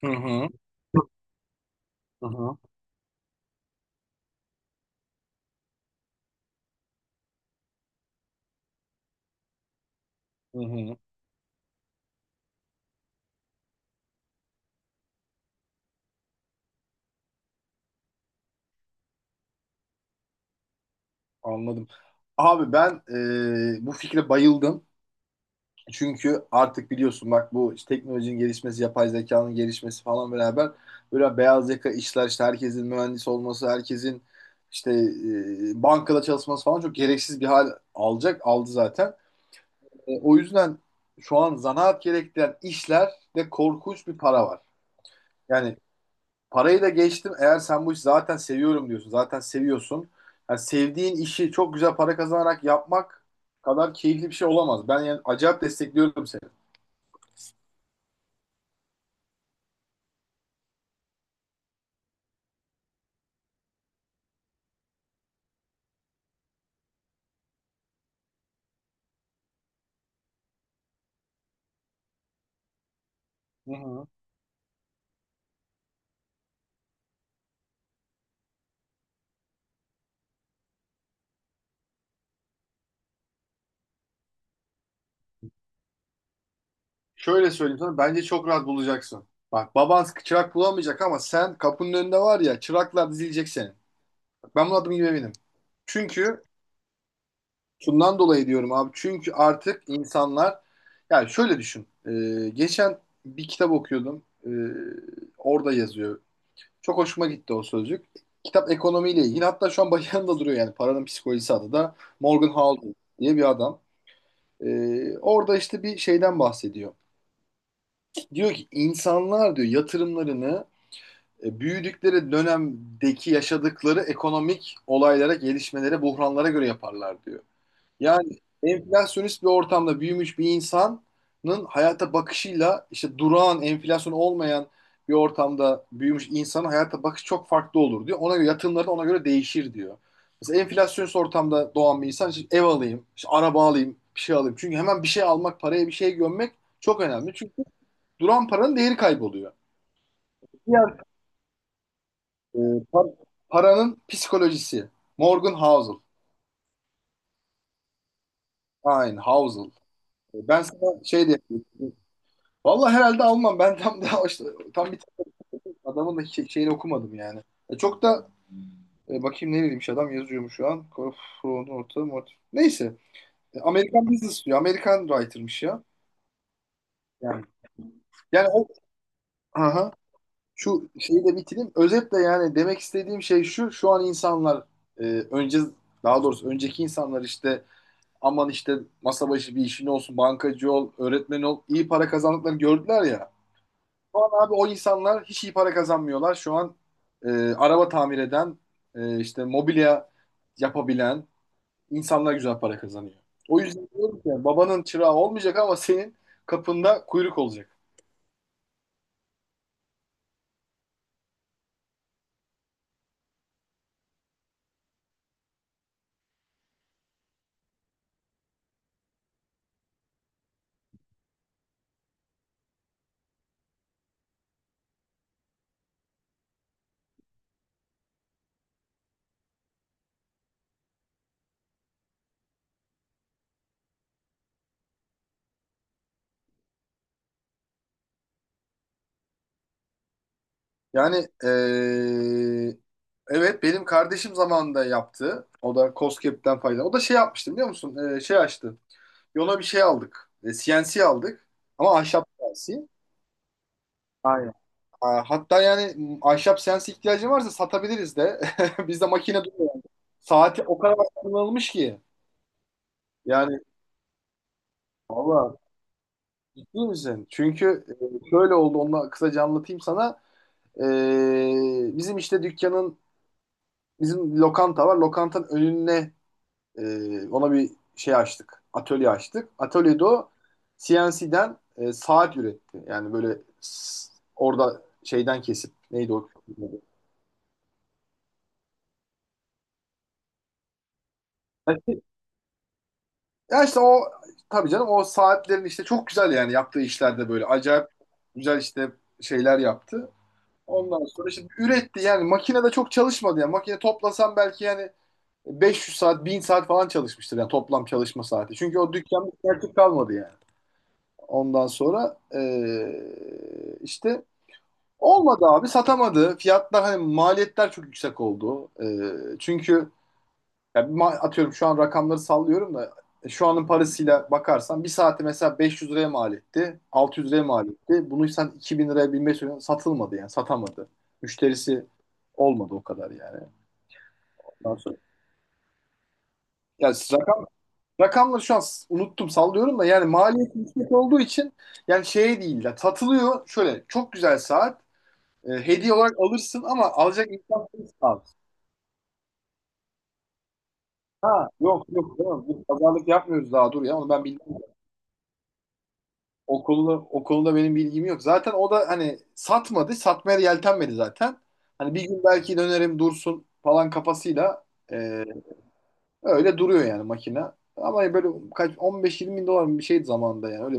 Hı hı. Hı hı. Hı hı. Anladım. Abi ben bu fikre bayıldım. Çünkü artık biliyorsun bak, bu işte teknolojinin gelişmesi, yapay zekanın gelişmesi falan beraber böyle beyaz yaka işler işte herkesin mühendis olması, herkesin işte bankada çalışması falan çok gereksiz bir hal alacak, aldı zaten. O yüzden şu an zanaat gerektiren işlerde korkunç bir para var. Yani parayı da geçtim. Eğer sen bu işi zaten seviyorum diyorsun, zaten seviyorsun. Yani sevdiğin işi çok güzel para kazanarak yapmak kadar keyifli bir şey olamaz. Ben yani acayip destekliyorum seni. Hı hı. Şöyle söyleyeyim sana, bence çok rahat bulacaksın. Bak, baban çırak bulamayacak ama sen kapının önünde var ya, çıraklar dizilecek senin. Bak, ben bunun adım gibi eminim. Çünkü şundan dolayı diyorum abi. Çünkü artık insanlar, yani şöyle düşün. Geçen bir kitap okuyordum. Orada yazıyor. Çok hoşuma gitti o sözcük. Kitap ekonomiyle ilgili. Hatta şu an başında duruyor yani. Paranın Psikolojisi adı da, Morgan Housel diye bir adam. Orada işte bir şeyden bahsediyor. Diyor ki insanlar diyor, yatırımlarını büyüdükleri dönemdeki yaşadıkları ekonomik olaylara, gelişmelere, buhranlara göre yaparlar diyor. Yani enflasyonist bir ortamda büyümüş bir insanın hayata bakışıyla işte durağan, enflasyon olmayan bir ortamda büyümüş insanın hayata bakışı çok farklı olur diyor. Ona göre yatırımları da ona göre değişir diyor. Mesela enflasyonist ortamda doğan bir insan işte ev alayım, işte araba alayım, bir şey alayım. Çünkü hemen bir şey almak, paraya bir şey gömmek çok önemli. Çünkü duran paranın değeri kayboluyor. Diğer Ee, par- Paranın psikolojisi. Morgan Housel. Aynen, Housel. Ben sana şey diye. Vallahi herhalde almam. Ben tam daha işte, tam bir adamın da şeyini okumadım yani. Çok da bakayım, ne bileyim, adam yazıyormuş şu an. Korfron orta mort. Neyse. Amerikan business diyor. Amerikan writer'mış ya. Yani yani aha, şu şeyi de bitireyim. Özetle yani demek istediğim şey şu. Şu an insanlar e, önce, daha doğrusu önceki insanlar işte aman işte masa başı bir işin olsun, bankacı ol, öğretmen ol, iyi para kazandıkları gördüler ya. Şu an abi o insanlar hiç iyi para kazanmıyorlar. Şu an e, araba tamir eden, işte mobilya yapabilen insanlar güzel para kazanıyor. O yüzden diyorum ki, babanın çırağı olmayacak ama senin kapında kuyruk olacak. Yani e, evet, benim kardeşim zamanında yaptı. O da COSGAP'ten fayda. O da şey yapmıştı biliyor musun? Şey açtı. Yola bir şey aldık. CNC aldık. Ama ahşap CNC. Aynen. Ha, hatta yani ahşap CNC ihtiyacın varsa satabiliriz de. Bizde makine duruyor. Saati o kadar kullanılmış ki. Yani valla, ciddi misin? Çünkü şöyle oldu. Onu da kısaca anlatayım sana. Bizim işte bizim lokanta var. Lokantanın önüne, ona bir şey açtık. Atölye açtık. Atölyede o CNC'den saat üretti. Yani böyle orada şeyden kesip neydi o? Ya işte o, tabii canım, o saatlerin işte çok güzel yani, yaptığı işlerde böyle acayip güzel işte şeyler yaptı. Ondan sonra işte üretti yani, makinede çok çalışmadı yani, makine toplasam belki yani 500 saat, 1000 saat falan çalışmıştır yani toplam çalışma saati. Çünkü o dükkanda artık kalmadı yani. Ondan sonra işte olmadı abi, satamadı. Fiyatlar, hani maliyetler çok yüksek oldu. Çünkü ya bir atıyorum, şu an rakamları sallıyorum da şu anın parasıyla bakarsan bir saati mesela 500 liraya mal etti. 600 liraya mal etti. Bunu sen 2000 liraya, 1500 liraya satılmadı yani, satamadı. Müşterisi olmadı o kadar yani. Ondan sonra- Ya siz rakamları şu an unuttum, sallıyorum da, yani maliyet yüksek olduğu için yani şey değil ya, satılıyor şöyle çok güzel saat. Hediye olarak alırsın ama alacak insan sensin abi. Ha, yok yok, tamam. Biz pazarlık yapmıyoruz daha, dur ya, onu ben bilmiyorum. O konuda, benim bilgim yok. Zaten o da hani satmadı. Satmaya da yeltenmedi zaten. Hani bir gün belki dönerim, dursun falan kafasıyla e, öyle duruyor yani makine. Ama böyle kaç, 15-20 bin dolar mı bir şeydi zamanında yani, öyle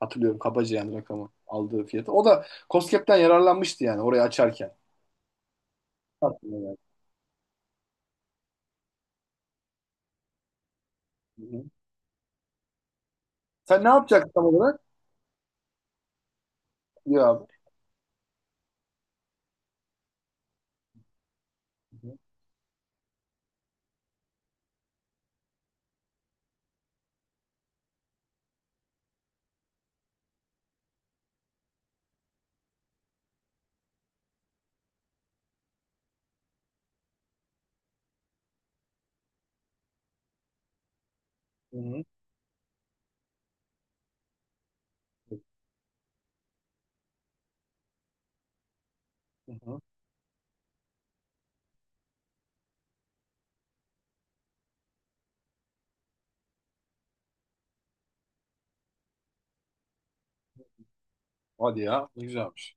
hatırlıyorum kabaca yani rakamı, aldığı fiyatı. O da COSGAP'ten yararlanmıştı yani orayı açarken. Aslında yani. Hı hı. Sen ne yapacaksın tam olarak? Ya abi. Hı hı. Hı hı. Hadi ya, ne güzelmiş.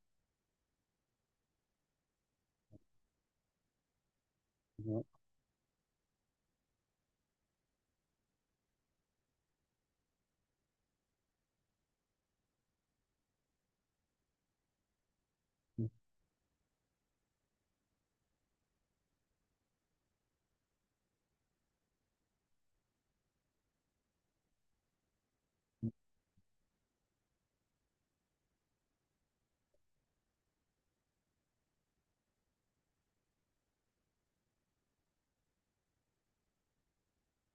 Hı hı.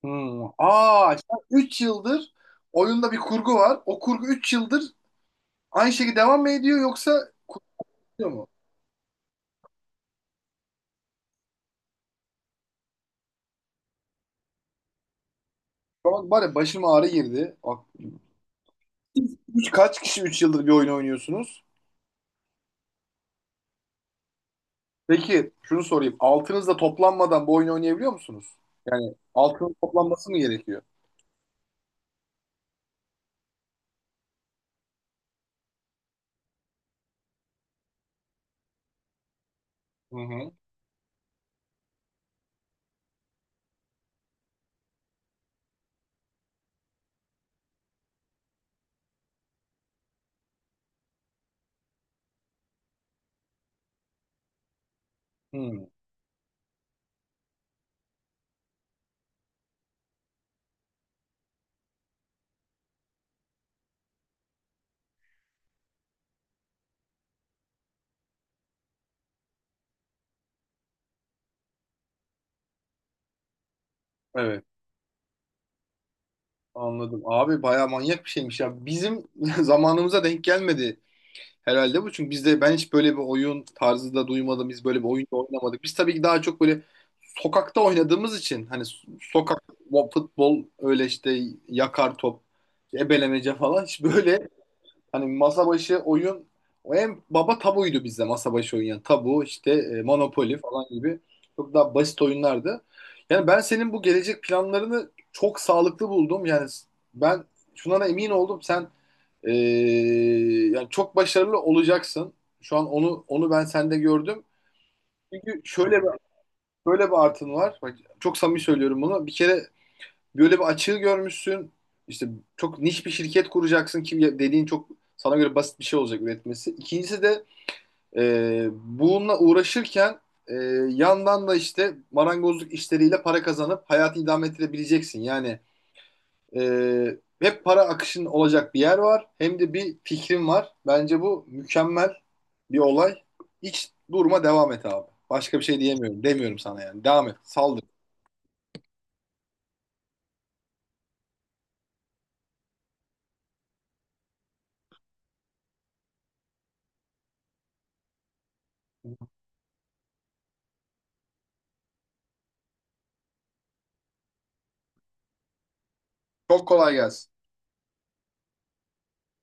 Hmm. Aa, sen yıldır oyunda bir kurgu var. O kurgu 3 yıldır aynı şekilde devam mı ediyor, yoksa kurtuluyor mu? Bak, bari başıma ağrı girdi. Bak, siz kaç kişi 3 yıldır bir oyun oynuyorsunuz? Peki şunu sorayım. Altınızla toplanmadan bu oyunu oynayabiliyor musunuz? Yani altının toplanması mı gerekiyor? Hı hı. Hmm, evet. Anladım. Abi bayağı manyak bir şeymiş ya. Bizim zamanımıza denk gelmedi herhalde bu. Çünkü bizde ben hiç böyle bir oyun tarzı da duymadım. Biz böyle bir oyun da oynamadık. Biz tabii ki daha çok böyle sokakta oynadığımız için, hani sokak, o futbol, öyle işte yakar top, ebelemece falan, hiç böyle hani masa başı oyun, o en baba tabuydu bizde, masa başı oyun yani, tabu işte, Monopoly falan gibi çok daha basit oyunlardı. Yani ben senin bu gelecek planlarını çok sağlıklı buldum. Yani ben şuna da emin oldum. Sen ee, yani çok başarılı olacaksın. Şu an onu ben sende gördüm. Çünkü şöyle bir artın var. Bak, çok samimi söylüyorum bunu. Bir kere böyle bir açığı görmüşsün. İşte çok niş bir şirket kuracaksın ki, dediğin çok sana göre basit bir şey olacak üretmesi. İkincisi de bununla uğraşırken e, yandan da işte marangozluk işleriyle para kazanıp hayatı idame ettirebileceksin. Yani hep para akışının olacak bir yer var. Hem de bir fikrim var. Bence bu mükemmel bir olay. Hiç durma, devam et abi. Başka bir şey diyemiyorum. Demiyorum sana yani. Devam et, saldır. Çok kolay gelsin.